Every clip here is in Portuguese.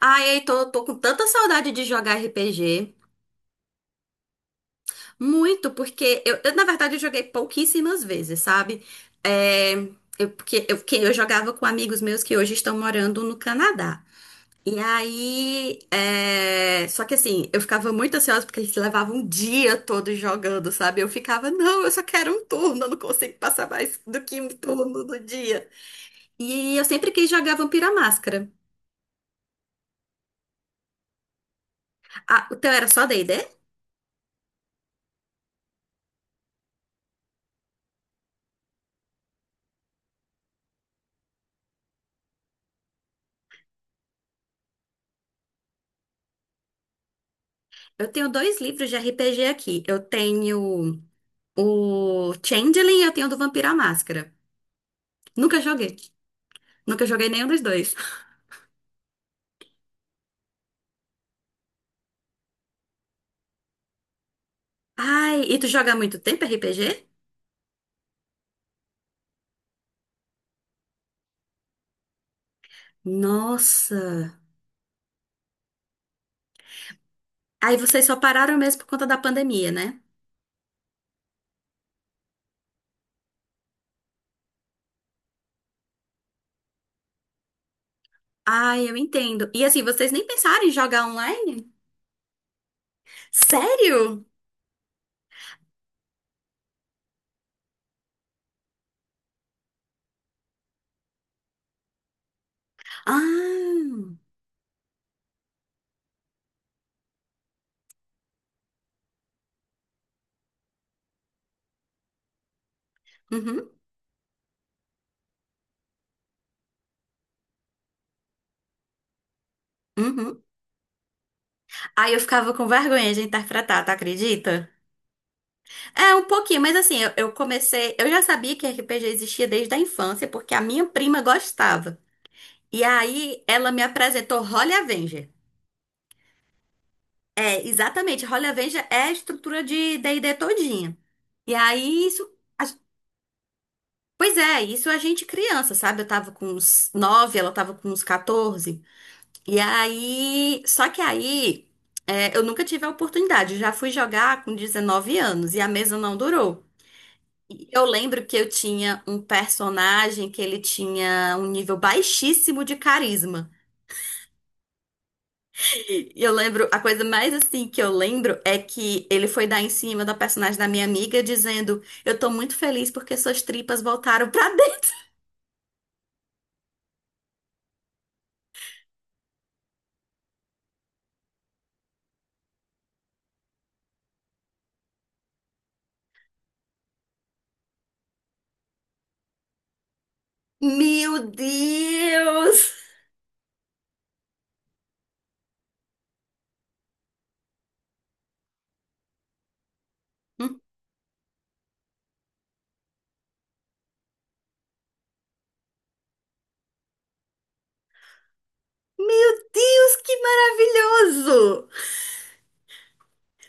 Ai, Heitor, eu tô com tanta saudade de jogar RPG. Muito, porque eu, na verdade, eu joguei pouquíssimas vezes, sabe? É, que eu jogava com amigos meus que hoje estão morando no Canadá. E aí, é, só que assim, eu ficava muito ansiosa porque eles levavam um dia todo jogando, sabe? Eu ficava, não, eu só quero um turno, eu não consigo passar mais do que um turno no dia. E eu sempre quis jogar Vampira Máscara. Ah, o teu era só D&D? Eu tenho dois livros de RPG aqui. Eu tenho o Changeling e eu tenho o do Vampiro à Máscara. Nunca joguei. Nunca joguei nenhum dos dois. Ai, e tu joga há muito tempo RPG? Nossa. Aí vocês só pararam mesmo por conta da pandemia, né? Ai, eu entendo. E assim, vocês nem pensaram em jogar online? Sério? Ah. Uhum, uhum. Aí eu ficava com vergonha de interpretar, tu acredita? É, um pouquinho, mas assim, eu comecei. Eu já sabia que RPG existia desde a infância, porque a minha prima gostava. E aí ela me apresentou Holly Avenger. É, exatamente, Holly Avenger é a estrutura de D&D todinha. E aí isso. a- Pois é, isso a gente criança, sabe? Eu tava com uns 9, ela tava com uns 14. E aí. Só que aí, é, eu nunca tive a oportunidade, eu já fui jogar com 19 anos e a mesa não durou. E eu lembro que eu tinha um personagem que ele tinha um nível baixíssimo de carisma. E eu lembro, a coisa mais assim que eu lembro é que ele foi dar em cima da personagem da minha amiga dizendo: "Eu tô muito feliz porque suas tripas voltaram pra dentro." Meu Deus! Hum? Meu Deus, que maravilhoso!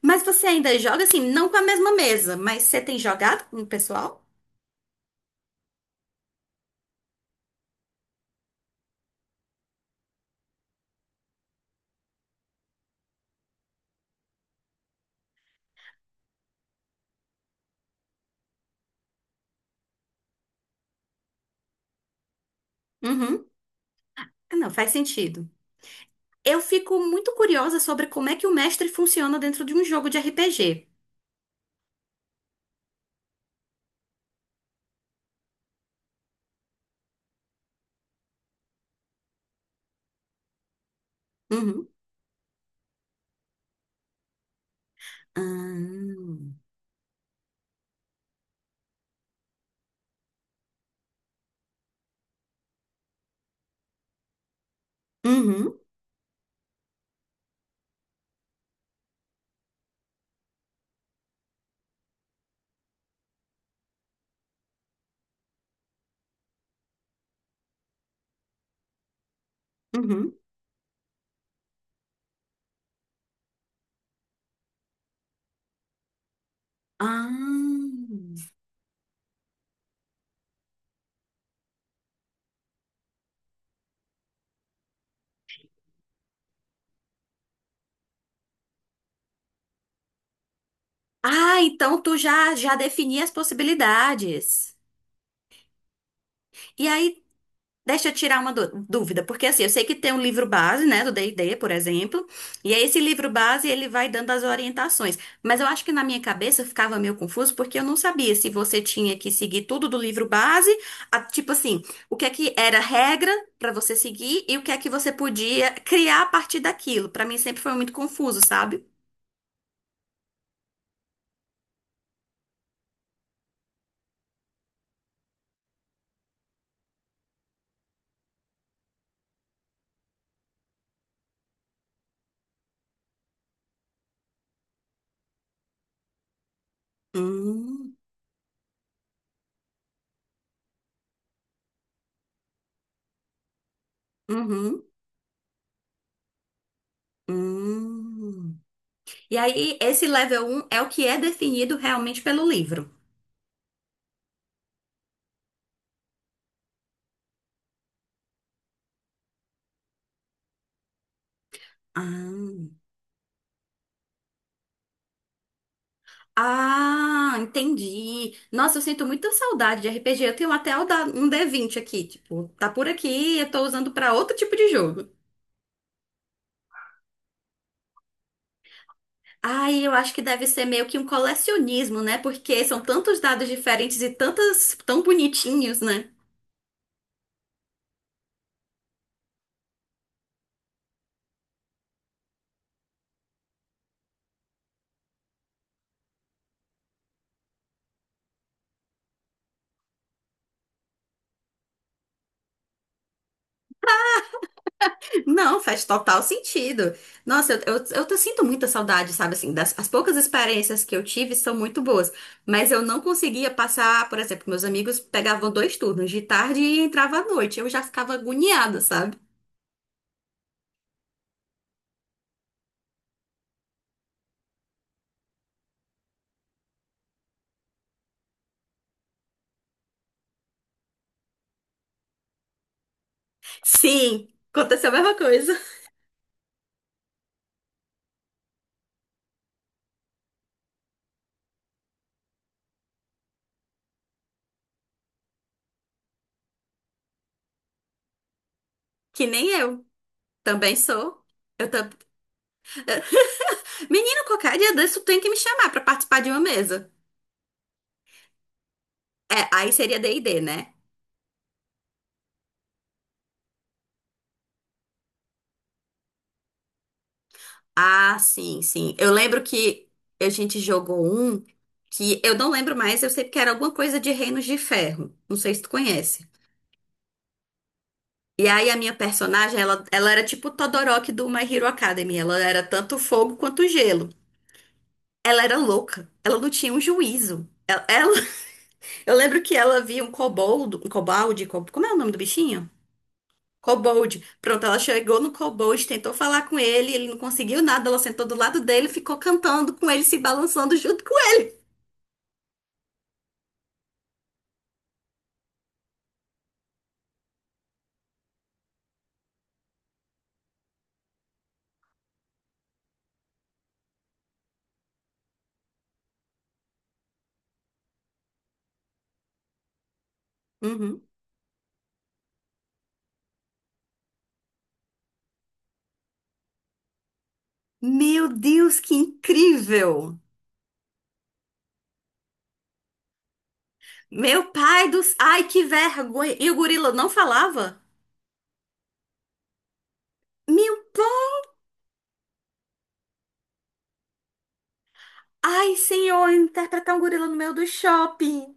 Mas você ainda joga assim, não com a mesma mesa, mas você tem jogado com o pessoal? Uhum. Ah, não, faz sentido. Eu fico muito curiosa sobre como é que o mestre funciona dentro de um jogo de RPG. Uhum. Ah. Uhum. Uhum. Ah. Ah, então tu já defini as possibilidades. E aí, deixa eu tirar uma dúvida, porque assim, eu sei que tem um livro base, né, do D&D, por exemplo, e aí esse livro base ele vai dando as orientações, mas eu acho que na minha cabeça eu ficava meio confuso porque eu não sabia se você tinha que seguir tudo do livro base, tipo assim, o que é que era regra pra você seguir e o que é que você podia criar a partir daquilo. Pra mim sempre foi muito confuso, sabe? Hum, uhum, hum. E aí esse level 1 é o que é definido realmente pelo livro. Ah. Ah, entendi. Nossa, eu sinto muita saudade de RPG. Eu tenho até o um d20 aqui, tipo, tá por aqui, eu tô usando pra outro tipo de jogo. Ai, eu acho que deve ser meio que um colecionismo, né? Porque são tantos dados diferentes e tantas tão bonitinhos, né? Não, faz total sentido. Nossa, eu sinto muita saudade, sabe assim, as poucas experiências que eu tive são muito boas, mas eu não conseguia passar, por exemplo, meus amigos pegavam dois turnos de tarde e entrava à noite. Eu já ficava agoniada, sabe? Sim, aconteceu a mesma coisa. Que nem eu. Também sou. Eu tam... Menino, qualquer dia desse tu tem que me chamar pra participar de uma mesa. É, aí seria D&D, né? Ah, sim, sim. Eu lembro que a gente jogou um que eu não lembro mais, eu sei que era alguma coisa de Reinos de Ferro. Não sei se tu conhece. E aí a minha personagem, ela era tipo o Todoroki do My Hero Academy. Ela era tanto fogo quanto gelo. Ela era louca. Ela não tinha um juízo. Ela ela Eu lembro que ela viu um coboldo, um cobalde, como é o nome do bichinho? Kobold. Pronto, ela chegou no kobold, tentou falar com ele, ele não conseguiu nada, ela sentou do lado dele, e ficou cantando com ele, se balançando junto com ele. Uhum. Meu Deus, que incrível! Meu pai dos... Ai, que vergonha! E o gorila não falava? Meu... Ai, senhor, interpretar um gorila no meio do shopping.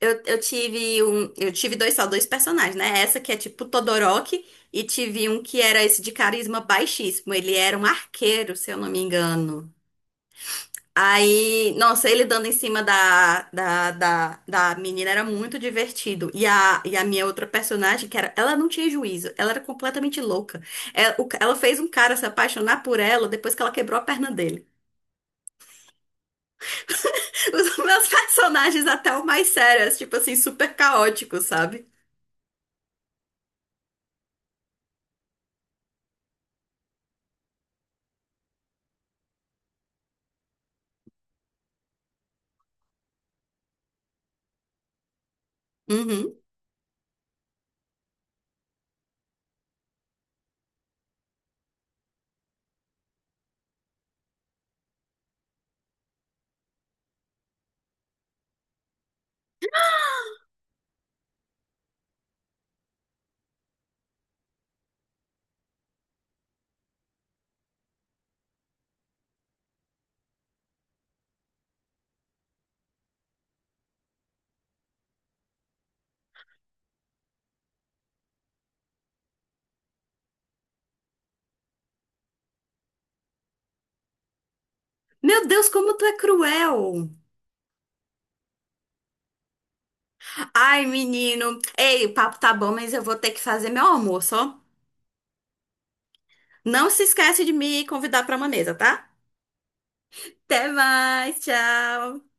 Eu tive dois só dois personagens, né? Essa que é tipo Todoroki e tive um que era esse de carisma baixíssimo. Ele era um arqueiro, se eu não me engano. Aí, nossa, ele dando em cima da menina era muito divertido. E a minha outra personagem, que era, ela não tinha juízo, ela era completamente louca. Ela fez um cara se apaixonar por ela depois que ela quebrou a perna dele. Os meus personagens até o mais sérios, tipo assim, super caóticos, sabe? Uhum. Meu Deus, como tu é cruel! Ai, menino. Ei, o papo tá bom, mas eu vou ter que fazer meu almoço, ó. Não se esquece de me convidar pra uma mesa, tá? Até mais, tchau!